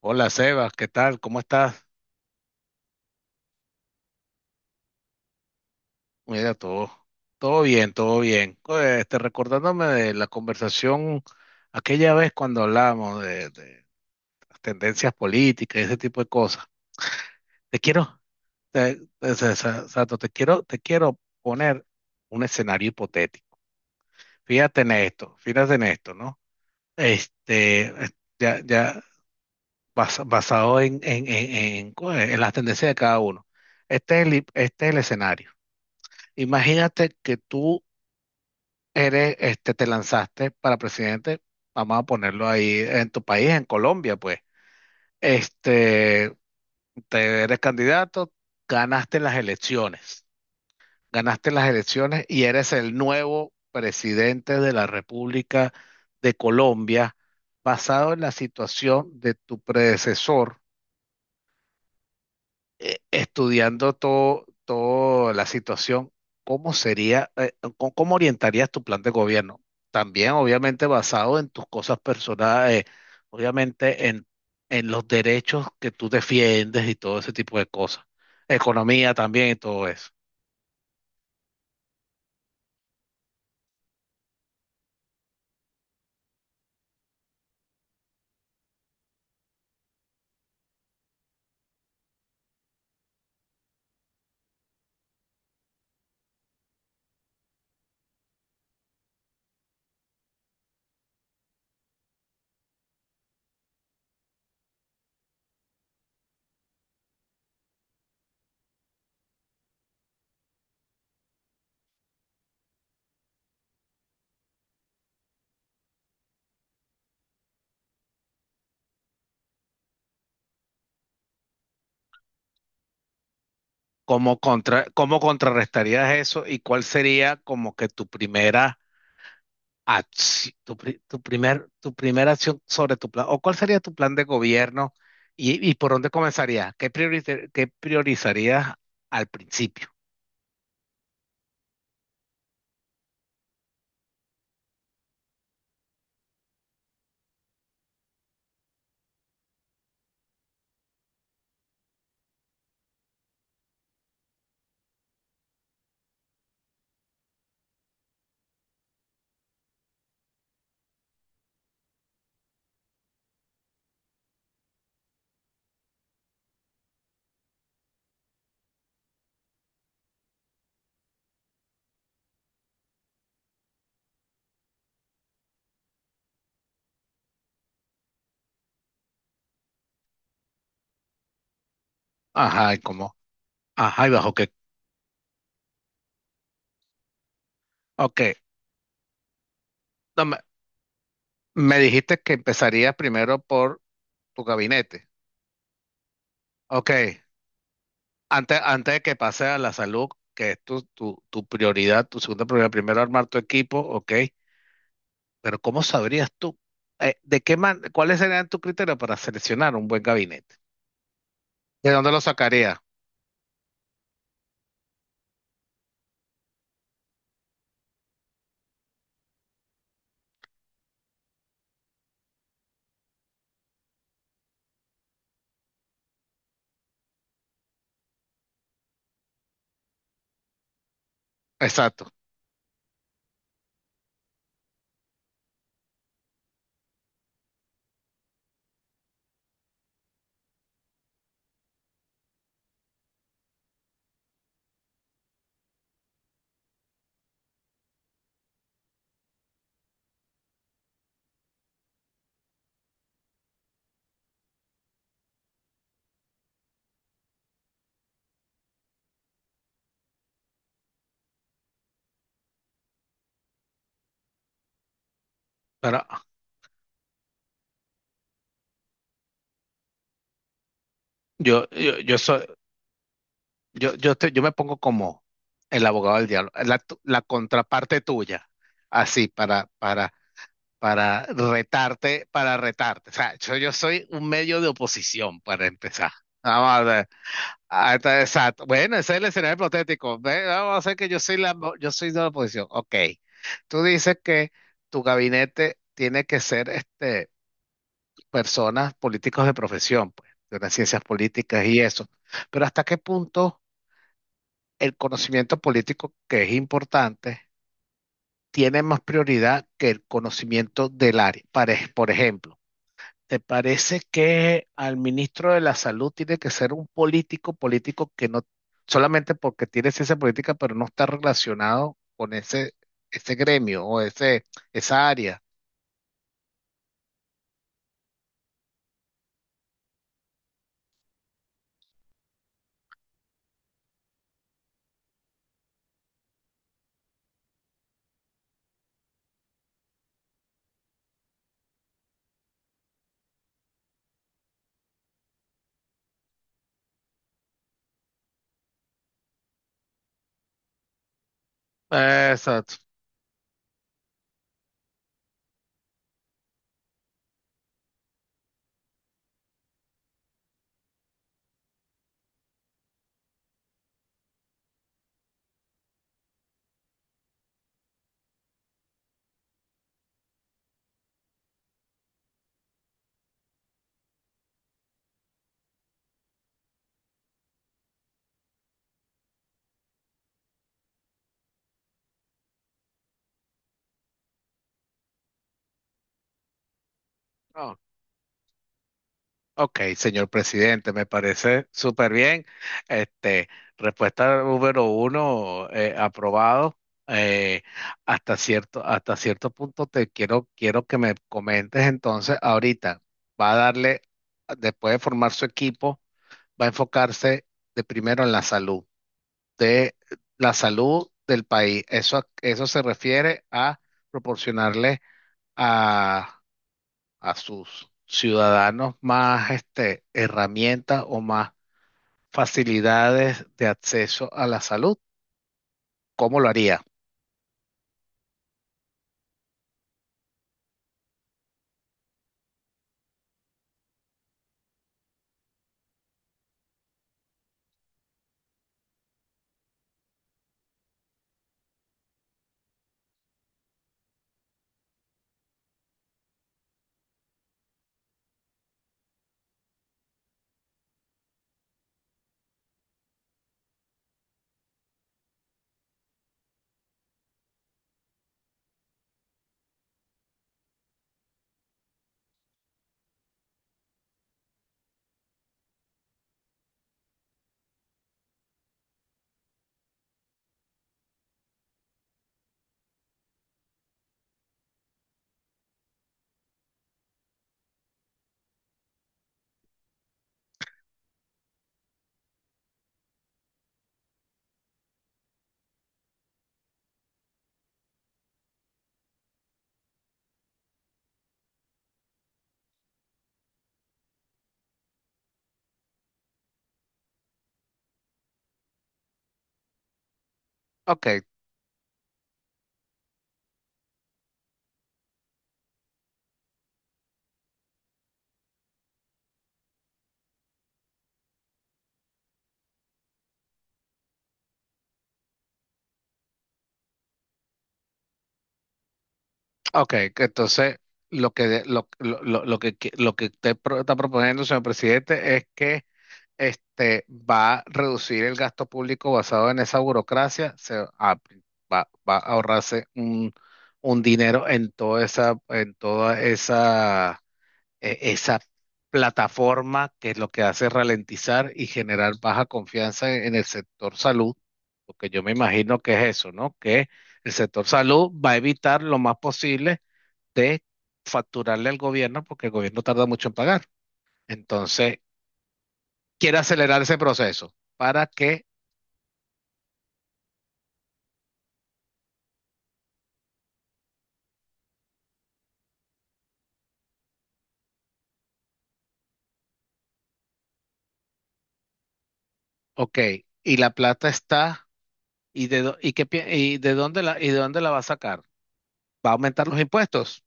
Hola, Seba, ¿qué tal? ¿Cómo estás? Mira, todo, todo bien, todo bien. Oye, recordándome de la conversación aquella vez cuando hablábamos de las tendencias políticas y ese tipo de cosas. Te quiero, Sato, te quiero poner un escenario hipotético. Fíjate en esto, ¿no? Este, eh, ya basado en las tendencias de cada uno. Este es este es el escenario. Imagínate que tú eres, te lanzaste para presidente, vamos a ponerlo ahí en tu país, en Colombia, pues. Este, te eres candidato, ganaste las elecciones, ganaste las elecciones y eres el nuevo presidente de la República de Colombia, basado en la situación de tu predecesor, estudiando todo, toda la situación. ¿Cómo sería, cómo orientarías tu plan de gobierno? También, obviamente, basado en tus cosas personales, obviamente en los derechos que tú defiendes y todo ese tipo de cosas. Economía también y todo eso. Cómo contrarrestarías eso y cuál sería como que tu primera... Ah, sí, tu primera acción sobre tu plan? ¿O cuál sería tu plan de gobierno y por dónde comenzaría? Qué priorizarías al principio? Ajá, ¿y cómo? Ajá, ¿y bajo qué? Ok, no, me dijiste que empezaría primero por tu gabinete. Ok, antes, antes de que pase a la salud, que es tu prioridad, tu segunda prioridad, primero armar tu equipo. Ok, pero ¿cómo sabrías tú, cuáles serían tus criterios para seleccionar un buen gabinete? ¿De dónde lo sacaría? Exacto. Pero yo soy, yo me pongo como el abogado del diablo, la contraparte tuya, así para retarte, para retarte. O sea, yo soy un medio de oposición para empezar. Vamos a ver. Ah, exacto. Bueno, ese es el escenario hipotético. Ve, vamos a hacer que yo soy la, yo soy de la oposición. Ok. Tú dices que tu gabinete tiene que ser este: personas, políticos de profesión, pues, de las ciencias políticas y eso. Pero ¿hasta qué punto el conocimiento político, que es importante, tiene más prioridad que el conocimiento del área? Por ejemplo, ¿te parece que al ministro de la Salud tiene que ser un político que no, solamente porque tiene ciencia política, pero no está relacionado con ese, ese gremio o ese, esa área? Exacto. Ok, señor presidente, me parece súper bien. Este, respuesta número uno, aprobado. Eh, hasta cierto punto quiero que me comentes entonces ahorita. Va a darle, después de formar su equipo, va a enfocarse de primero en la salud, de la salud del país. Eso se refiere a proporcionarle a a sus ciudadanos más herramientas o más facilidades de acceso a la salud. ¿Cómo lo haría? Ok, ok, que entonces lo lo que, lo que usted está proponiendo, señor presidente, es que va a reducir el gasto público basado en esa burocracia. Se va, va a ahorrarse un dinero en toda esa esa plataforma, que es lo que hace ralentizar y generar baja confianza en el sector salud, porque yo me imagino que es eso, ¿no? Que el sector salud va a evitar lo más posible de facturarle al gobierno, porque el gobierno tarda mucho en pagar. Entonces, quiere acelerar ese proceso para que... Ok, y la plata está. ¿Y de, dó- y qué pi- y de dónde la, y de dónde la va a sacar? ¿Va a aumentar los impuestos?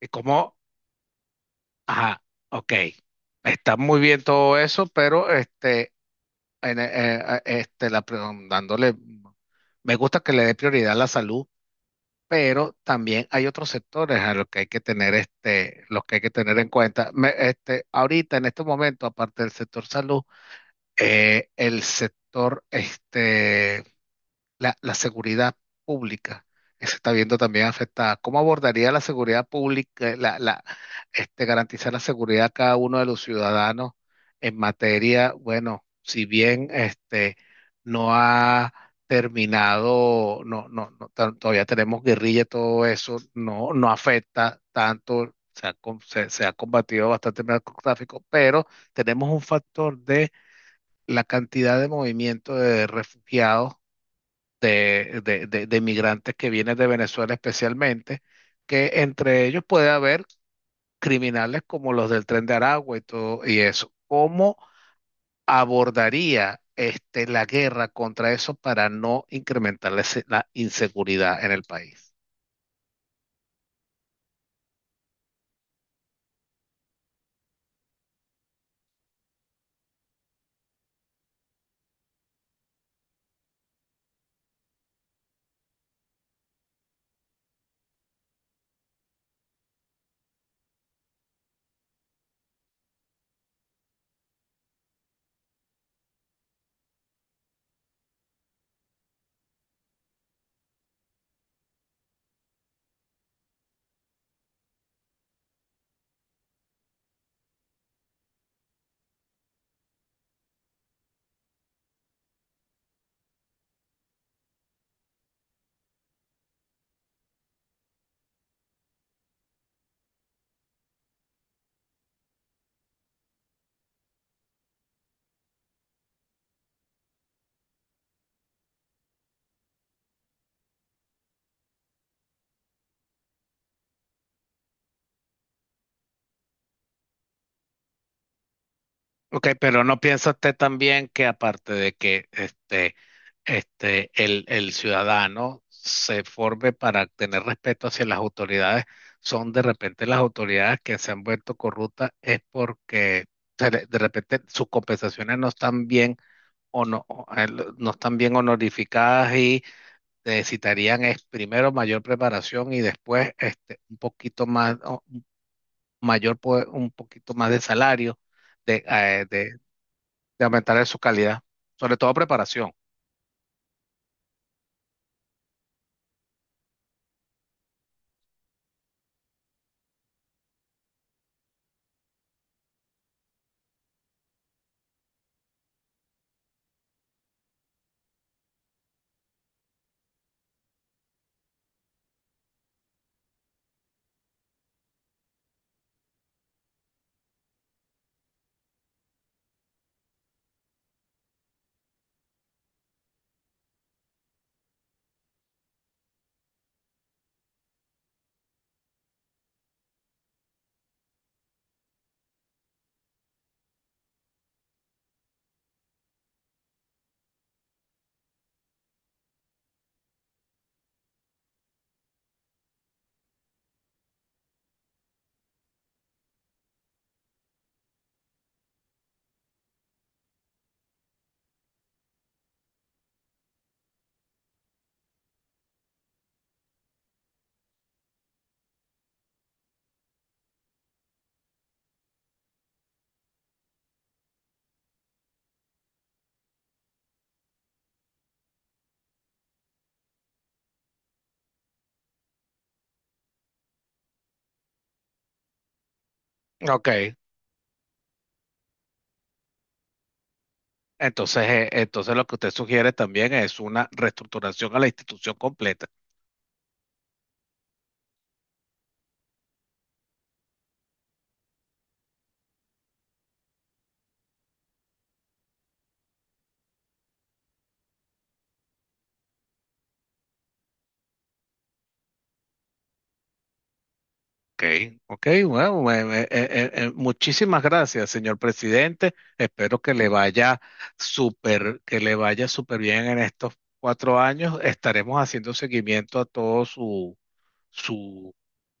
¿Y cómo? Ajá, ok. Está muy bien todo eso, pero en- eh, eh, este, la, pre- dándole, me gusta que le dé prioridad a la salud, pero también hay otros sectores a los que hay que tener, los que hay que tener en cuenta. Ahorita, en este momento, aparte del sector salud, el sector, la seguridad pública, que se está viendo también afectada. ¿Cómo abordaría la seguridad pública, garantizar la seguridad a cada uno de los ciudadanos en materia, bueno, si bien no ha terminado, no, no, no, todavía tenemos guerrilla y todo eso, no, no afecta tanto. Se ha, se ha combatido bastante el narcotráfico, pero tenemos un factor de la cantidad de movimiento de refugiados de migrantes que vienen de Venezuela especialmente, que entre ellos puede haber criminales como los del Tren de Aragua y todo y eso? ¿Cómo abordaría la guerra contra eso para no incrementar la inseguridad en el país? Ok, pero ¿no piensa usted también que aparte de que el ciudadano se forme para tener respeto hacia las autoridades, son de repente las autoridades que se han vuelto corruptas es porque de repente sus compensaciones no están bien o no, no están bien honorificadas y necesitarían es primero mayor preparación y después un poquito más, o un poquito más de salario de, de aumentarle su calidad, sobre todo preparación? Ok, entonces, entonces lo que usted sugiere también es una reestructuración a la institución completa. Ok, ok, bueno, muchísimas gracias, señor presidente. Espero que le vaya súper, que le vaya súper bien en estos cuatro años. Estaremos haciendo seguimiento a todo su,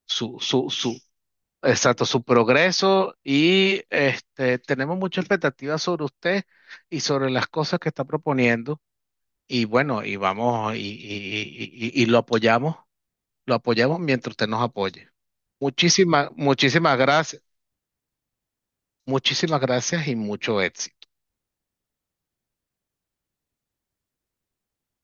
su, su, su, Exacto, su progreso y tenemos mucha expectativa sobre usted y sobre las cosas que está proponiendo y bueno, y vamos y lo apoyamos mientras usted nos apoye. Muchísimas, muchísimas gracias y mucho éxito.